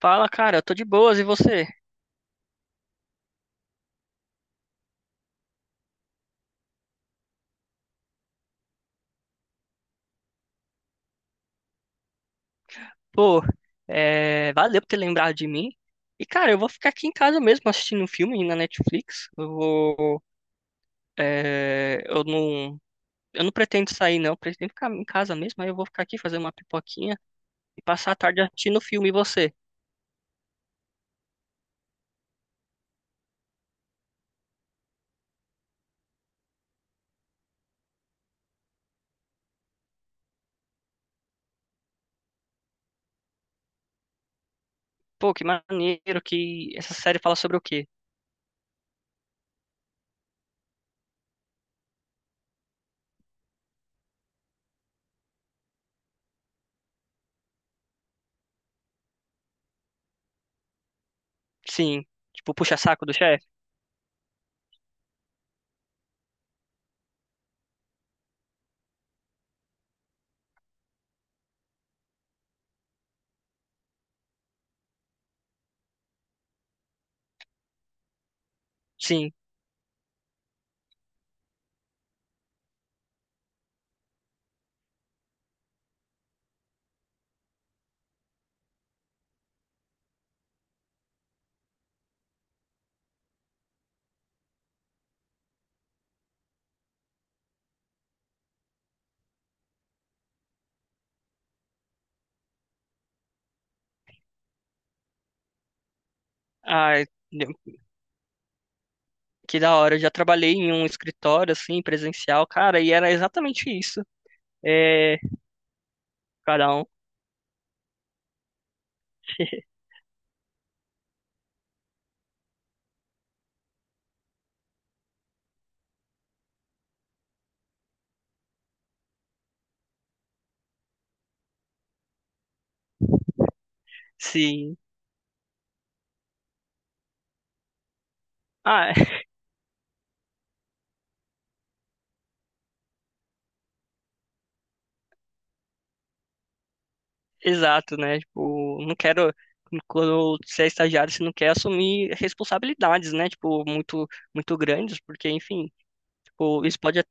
Fala, cara, eu tô de boas, e você? Pô, é, valeu por ter lembrado de mim. E, cara, eu vou ficar aqui em casa mesmo assistindo um filme na Netflix. Eu vou. Eu não. Eu não pretendo sair, não. Eu pretendo ficar em casa mesmo. Aí eu vou ficar aqui fazer uma pipoquinha e passar a tarde assistindo o filme. E você? Pô, que maneiro que essa série fala sobre o quê? Sim. Tipo, puxa-saco do chefe? Sim. Ai, eu- que da hora. Eu já trabalhei em um escritório, assim, presencial, cara, e era exatamente isso. É. Cada um. Sim. Ah, é, exato, né? Tipo, não quero. Quando você é estagiário, você não quer assumir responsabilidades, né? Tipo, muito grandes, porque, enfim, tipo, isso pode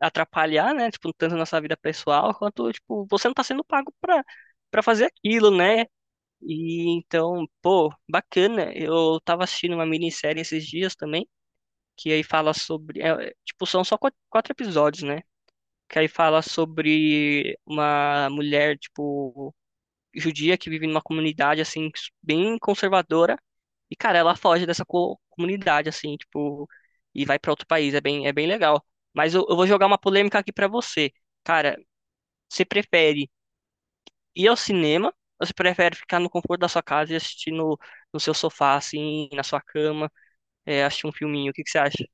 atrapalhar, né? Tipo, tanto a nossa vida pessoal, quanto, tipo, você não tá sendo pago pra fazer aquilo, né? E então, pô, bacana. Eu tava assistindo uma minissérie esses dias também, que aí fala sobre. Tipo, são só quatro episódios, né? Que aí fala sobre uma mulher, tipo. Judia que vive numa comunidade, assim, bem conservadora. E, cara, ela foge dessa comunidade, assim, tipo, e vai pra outro país. É bem legal. Mas eu vou jogar uma polêmica aqui pra você. Cara, você prefere ir ao cinema ou você prefere ficar no conforto da sua casa e assistir no seu sofá, assim, na sua cama, assistir um filminho? O que que você acha?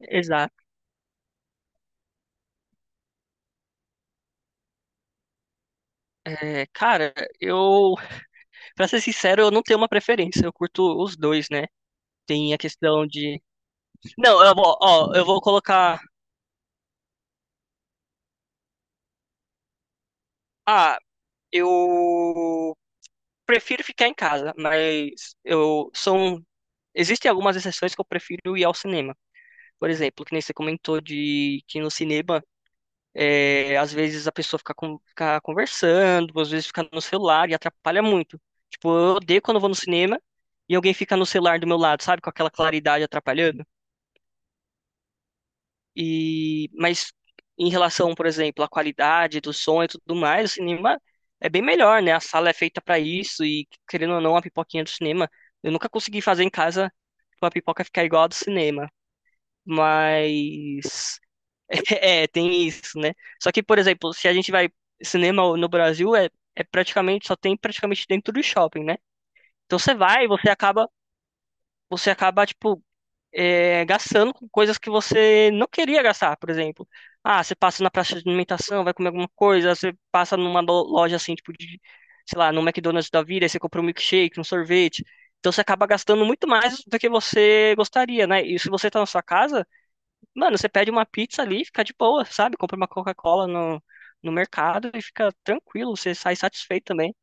Exato. É, cara, eu, pra ser sincero, eu não tenho uma preferência. Eu curto os dois, né? Tem a questão de Não, eu vou colocar. Ah, eu prefiro ficar em casa, mas eu são. Existem algumas exceções que eu prefiro ir ao cinema. Por exemplo, que nem você comentou de que no cinema, é, às vezes a pessoa fica conversando, às vezes fica no celular e atrapalha muito. Tipo, eu odeio quando eu vou no cinema e alguém fica no celular do meu lado, sabe? Com aquela claridade atrapalhando. E, mas em relação, por exemplo, à qualidade do som e tudo mais, o cinema é bem melhor, né? A sala é feita pra isso e, querendo ou não, a pipoquinha do cinema, eu nunca consegui fazer em casa pra pipoca ficar igual a do cinema. Mas é, tem isso, né? Só que, por exemplo, se a gente vai cinema no Brasil, é, é praticamente só tem praticamente dentro do shopping, né? Então você vai, e você acaba tipo gastando com coisas que você não queria gastar, por exemplo. Ah, você passa na praça de alimentação, vai comer alguma coisa, você passa numa loja assim, tipo de, sei lá, no McDonald's da vida, aí você compra um milkshake, um sorvete. Então você acaba gastando muito mais do que você gostaria, né? E se você tá na sua casa, mano, você pede uma pizza ali, e fica de boa, sabe? Compra uma Coca-Cola no mercado e fica tranquilo, você sai satisfeito também.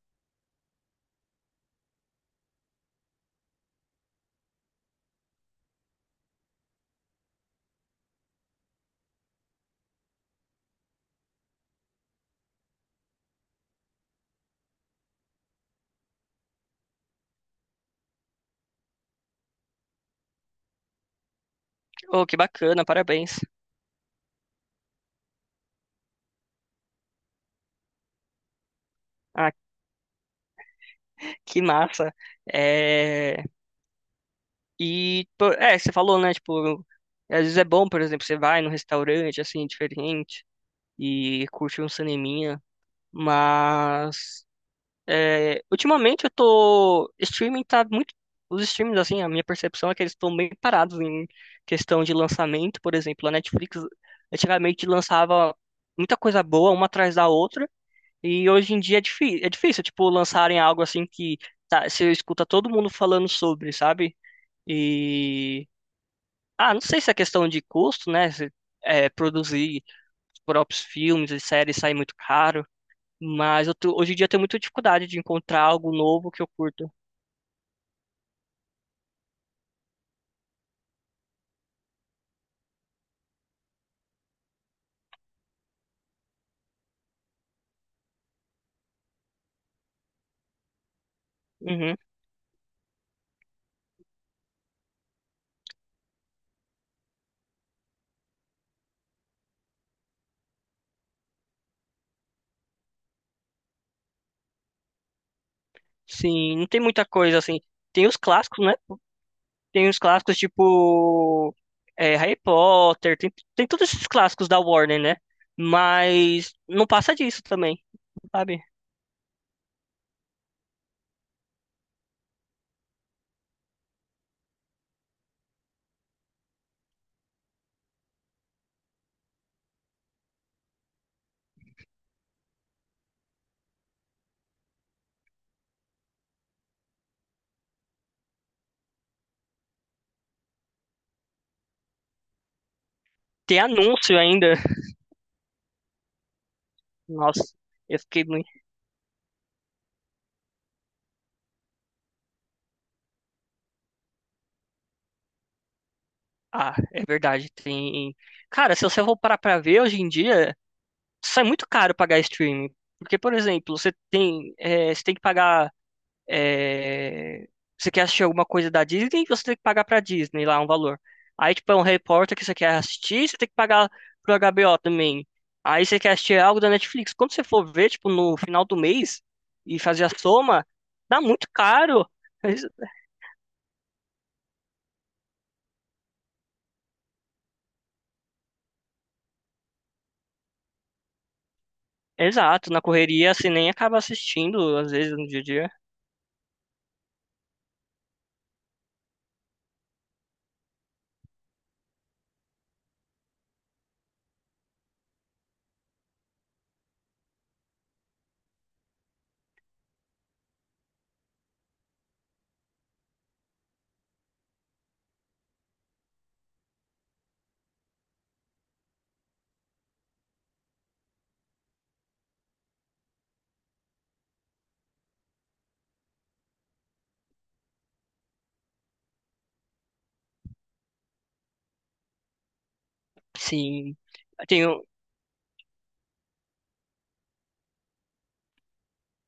Oh, que bacana, parabéns. Ah, que massa. É... E, pô, é, você falou, né? Tipo, às vezes é bom, por exemplo, você vai num restaurante, assim, diferente e curte um cineminha, mas é, ultimamente eu tô... Streaming tá muito... Os streams, assim, a minha percepção é que eles estão bem parados em questão de lançamento, por exemplo, a Netflix antigamente lançava muita coisa boa, uma atrás da outra, e hoje em dia é, difí é difícil, tipo, lançarem algo assim que tá, você escuta todo mundo falando sobre, sabe? E... Ah, não sei se é questão de custo, né? se, é, Produzir os próprios filmes e séries sai muito caro, mas hoje em dia eu tenho muita dificuldade de encontrar algo novo que eu curto. Uhum. Sim, não tem muita coisa assim. Tem os clássicos, né? Tem os clássicos tipo Harry Potter, tem todos esses clássicos da Warner, né? Mas não passa disso também, sabe? Tem anúncio ainda. Nossa, eu fiquei muito. Ah, é verdade. Tem. Cara, se você for parar pra ver hoje em dia. Sai muito caro pagar streaming. Porque, por exemplo, você tem, é, você tem que pagar. é, Você quer assistir alguma coisa da Disney, você tem que pagar pra Disney lá um valor. Aí, tipo, é um Harry Potter que você quer assistir, você tem que pagar pro HBO também. Aí você quer assistir algo da Netflix. Quando você for ver, tipo, no final do mês e fazer a soma, dá muito caro. Ex- Exato, na correria você nem acaba assistindo, às vezes, no dia a dia. Sim. Tem,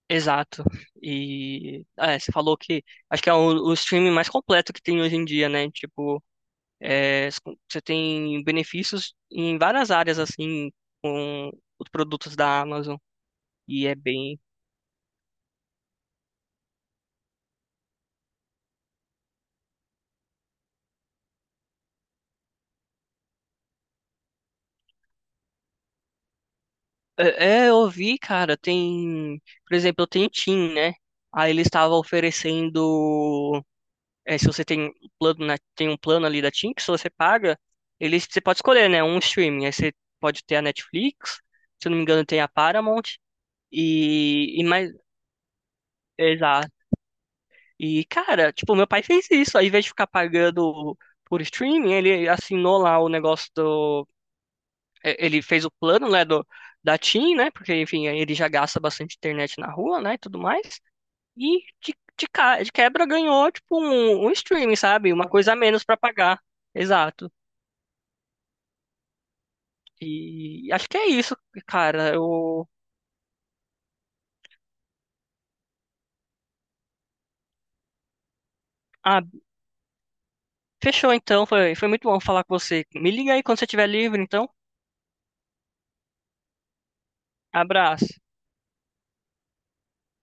exato. E é, você falou que acho que é o streaming mais completo que tem hoje em dia, né? Tipo, é, s- você tem benefícios em várias áreas assim com os produtos da Amazon e é bem. É, é, eu vi, cara, tem, por exemplo, eu tenho Tim, né? Aí ele estava oferecendo, é, se você tem um plano, né, tem um plano ali da Tim que se você paga, ele você pode escolher, né? Um streaming. Aí você pode ter a Netflix, se eu não me engano, tem a Paramount. E, e mais, exato. E, cara, tipo, meu pai fez isso. Ao invés de ficar pagando por streaming, ele assinou lá o negócio do. Ele fez o plano, né, do, da TIM, né? Porque, enfim, aí ele já gasta bastante internet na rua, né, e tudo mais. E de quebra ganhou, tipo, um streaming, sabe? Uma coisa a menos pra pagar. Exato. E acho que é isso, cara. Eu... Ah, fechou então. Foi muito bom falar com você. Me liga aí quando você estiver livre, então. Abraço.